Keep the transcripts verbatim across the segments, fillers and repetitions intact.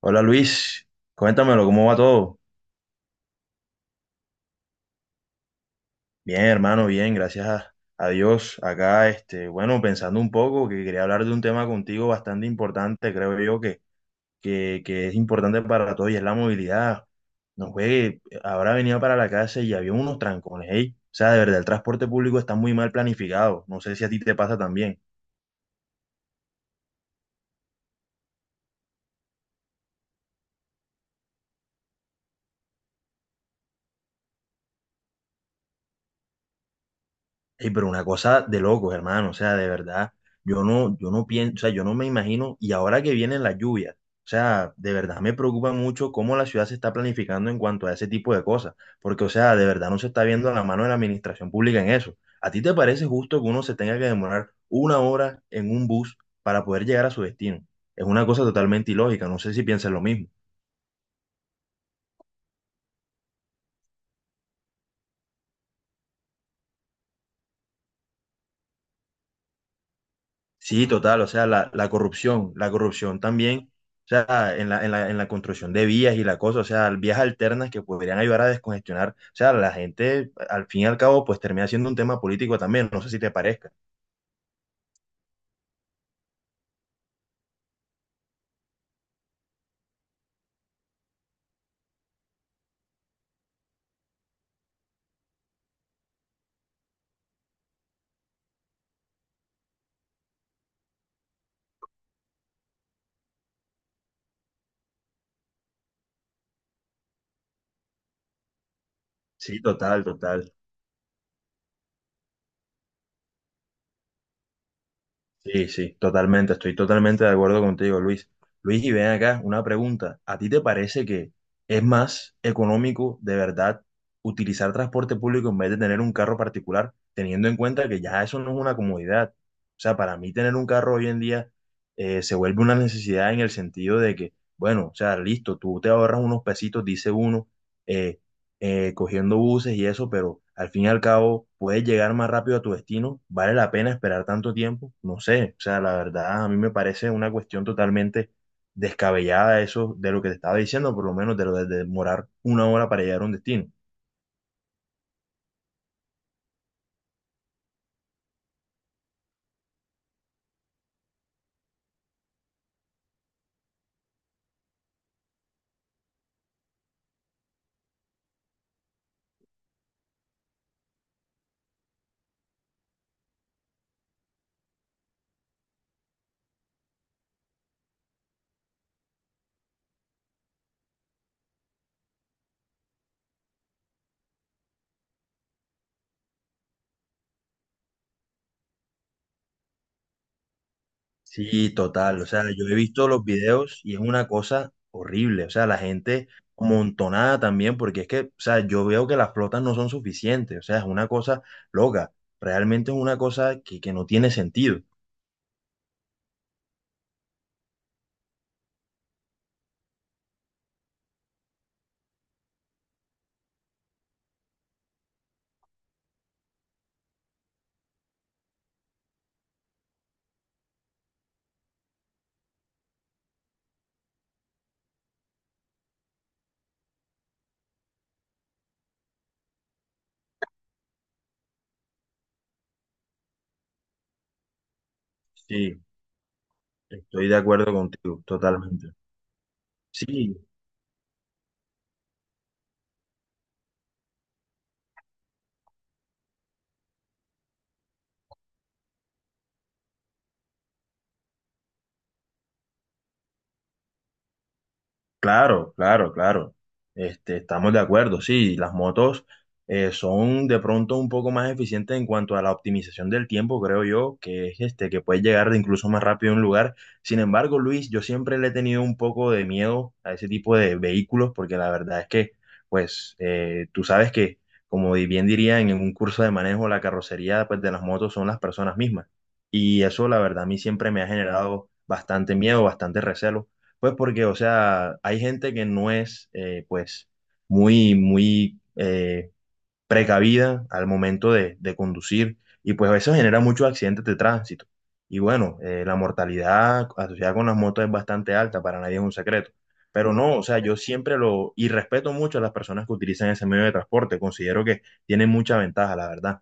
Hola Luis, cuéntamelo, ¿cómo va todo? Bien, hermano, bien, gracias a, a Dios. Acá, este, bueno, pensando un poco, que quería hablar de un tema contigo bastante importante, creo yo, que, que, que es importante para todos y es la movilidad. No juegue, habrá venido para la casa y había unos trancones, ey. O sea, de verdad, el transporte público está muy mal planificado. No sé si a ti te pasa también. Ey, pero una cosa de locos, hermano, o sea, de verdad, yo no, yo no pienso, o sea, yo no me imagino, y ahora que vienen las lluvias, o sea, de verdad me preocupa mucho cómo la ciudad se está planificando en cuanto a ese tipo de cosas, porque, o sea, de verdad no se está viendo la mano de la administración pública en eso. ¿A ti te parece justo que uno se tenga que demorar una hora en un bus para poder llegar a su destino? Es una cosa totalmente ilógica, no sé si piensas lo mismo. Sí, total, o sea, la, la corrupción, la corrupción también, o sea, en la, en la, en la construcción de vías y la cosa, o sea, vías alternas que podrían ayudar a descongestionar, o sea, la gente, al fin y al cabo, pues termina siendo un tema político también, no sé si te parezca. Sí, total, total. Sí, sí, totalmente, estoy totalmente de acuerdo contigo, Luis. Luis, y ven acá, una pregunta. ¿A ti te parece que es más económico de verdad utilizar transporte público en vez de tener un carro particular, teniendo en cuenta que ya eso no es una comodidad? O sea, para mí tener un carro hoy en día eh, se vuelve una necesidad en el sentido de que, bueno, o sea, listo, tú te ahorras unos pesitos, dice uno, eh, eh, cogiendo buses y eso, pero al fin y al cabo puedes llegar más rápido a tu destino. ¿Vale la pena esperar tanto tiempo? No sé, o sea, la verdad a mí me parece una cuestión totalmente descabellada eso de lo que te estaba diciendo, por lo menos de lo de demorar una hora para llegar a un destino. Sí, total, o sea, yo he visto los videos y es una cosa horrible, o sea, la gente amontonada también, porque es que, o sea, yo veo que las flotas no son suficientes, o sea, es una cosa loca, realmente es una cosa que, que no tiene sentido. Sí. Estoy de acuerdo contigo, totalmente. Sí, claro, claro, claro. Este, estamos de acuerdo, sí, las motos eh, son de pronto un poco más eficientes en cuanto a la optimización del tiempo, creo yo, que es este, que puedes llegar incluso más rápido a un lugar. Sin embargo, Luis, yo siempre le he tenido un poco de miedo a ese tipo de vehículos, porque la verdad es que, pues, eh, tú sabes que, como bien dirían en un curso de manejo, la carrocería, pues, de las motos son las personas mismas. Y eso, la verdad, a mí siempre me ha generado bastante miedo, bastante recelo. Pues porque, o sea, hay gente que no es, eh, pues, muy, muy eh, precavida al momento de, de conducir y pues eso genera muchos accidentes de tránsito. Y bueno, eh, la mortalidad asociada con las motos es bastante alta, para nadie es un secreto. Pero no, o sea, yo siempre lo, y respeto mucho a las personas que utilizan ese medio de transporte, considero que tienen mucha ventaja, la verdad.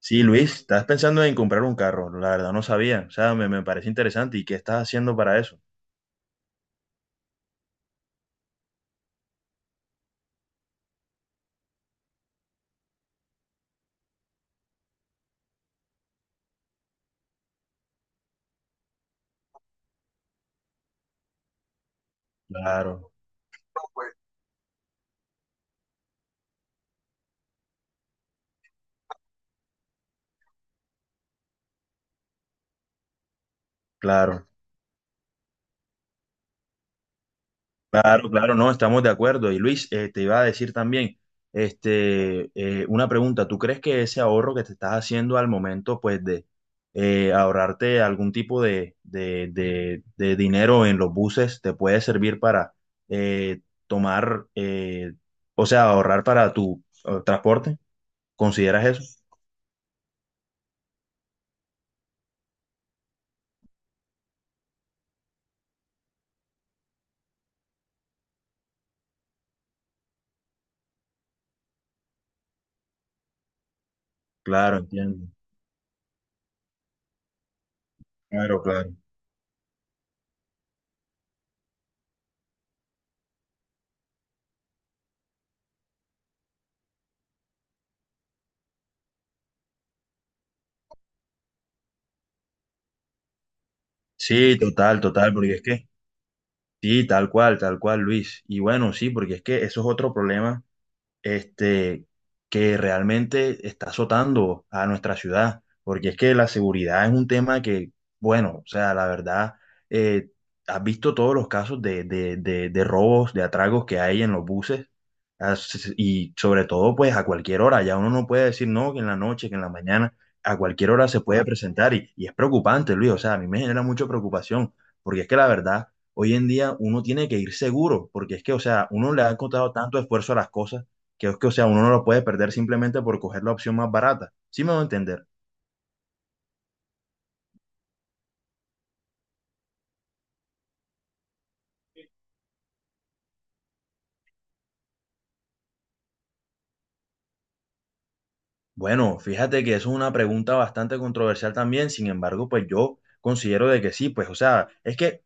Sí, Luis, estás pensando en comprar un carro, la verdad no sabía, o sea, me, me parece interesante. ¿Y qué estás haciendo para eso? Claro, claro. Claro, claro, no, estamos de acuerdo. Y Luis, eh, te iba a decir también, este, eh, una pregunta, ¿tú crees que ese ahorro que te estás haciendo al momento, pues, de eh, ahorrarte algún tipo de, de, de- de dinero en los buses, te puede servir para eh, tomar, eh, o sea, ahorrar para tu eh, transporte? ¿Consideras eso? Claro, entiendo. Claro, claro. Sí, total, total, porque es que, sí, tal cual, tal cual, Luis. Y bueno, sí, porque es que eso es otro problema este, que realmente está azotando a nuestra ciudad, porque es que la seguridad es un tema que, bueno, o sea, la verdad, eh, has visto todos los casos de, de, de, de robos, de atragos que hay en los buses, as- y sobre todo, pues a cualquier hora, ya uno no puede decir no, que en la noche, que en la mañana, a cualquier hora se puede, claro, presentar, y, y es preocupante, Luis, o sea, a mí me genera mucha preocupación, porque es que la verdad, hoy en día uno tiene que ir seguro, porque es que, o sea, uno le ha encontrado tanto esfuerzo a las cosas que es que, o sea, uno no lo puede perder simplemente por coger la opción más barata. ¿Sí me va a entender? Bueno, fíjate que eso es una pregunta bastante controversial también, sin embargo, pues yo considero de que sí, pues, o sea, es que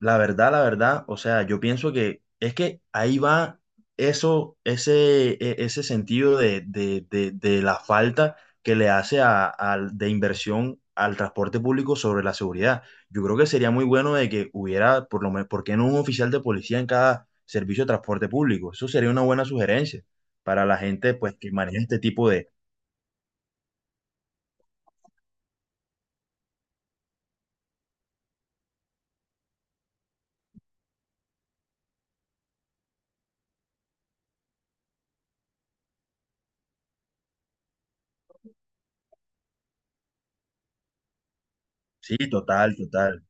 la verdad, la verdad, o sea, yo pienso que es que ahí va eso, ese, e- ese sentido de, de- de- de la falta que le hace a- al- de inversión al transporte público sobre la seguridad. Yo creo que sería muy bueno de que hubiera, por lo menos, ¿por qué no un oficial de policía en cada servicio de transporte público? Eso sería una buena sugerencia para la gente, pues, que maneja este tipo de... Sí, total, total.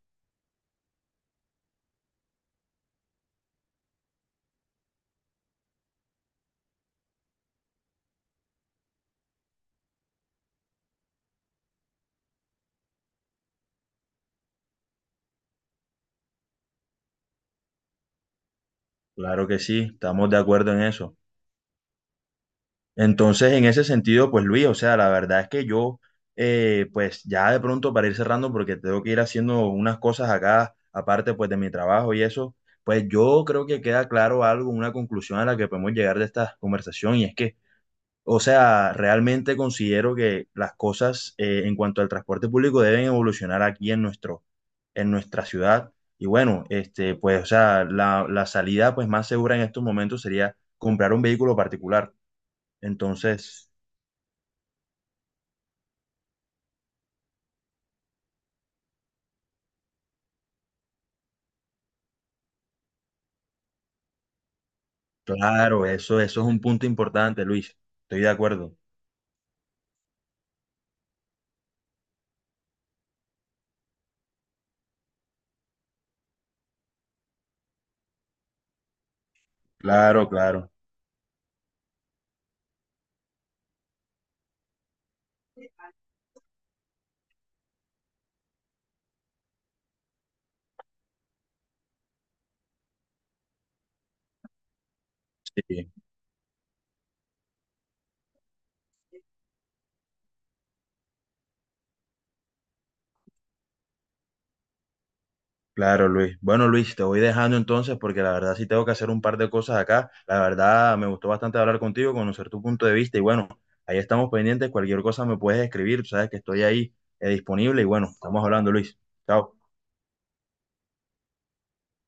Claro que sí, estamos de acuerdo en eso. Entonces, en ese sentido, pues Luis, o sea, la verdad es que yo, eh, pues ya de pronto para ir cerrando, porque tengo que ir haciendo unas cosas acá, aparte pues de mi trabajo y eso, pues yo creo que queda claro algo, una conclusión a la que podemos llegar de esta conversación, y es que, o sea, realmente considero que las cosas eh, en cuanto al transporte público deben evolucionar aquí en nuestro, en nuestra ciudad. Y bueno, este, pues, o sea, la, la salida pues más segura en estos momentos sería comprar un vehículo particular. Entonces... Claro, eso, eso es un punto importante, Luis. Estoy de acuerdo. Claro, claro. Sí, claro, Luis. Bueno, Luis, te voy dejando entonces porque la verdad sí tengo que hacer un par de cosas acá. La verdad me gustó bastante hablar contigo, conocer tu punto de vista y bueno, ahí estamos pendientes. Cualquier cosa me puedes escribir, tú sabes que estoy ahí eh, disponible y bueno, estamos hablando, Luis. Chao.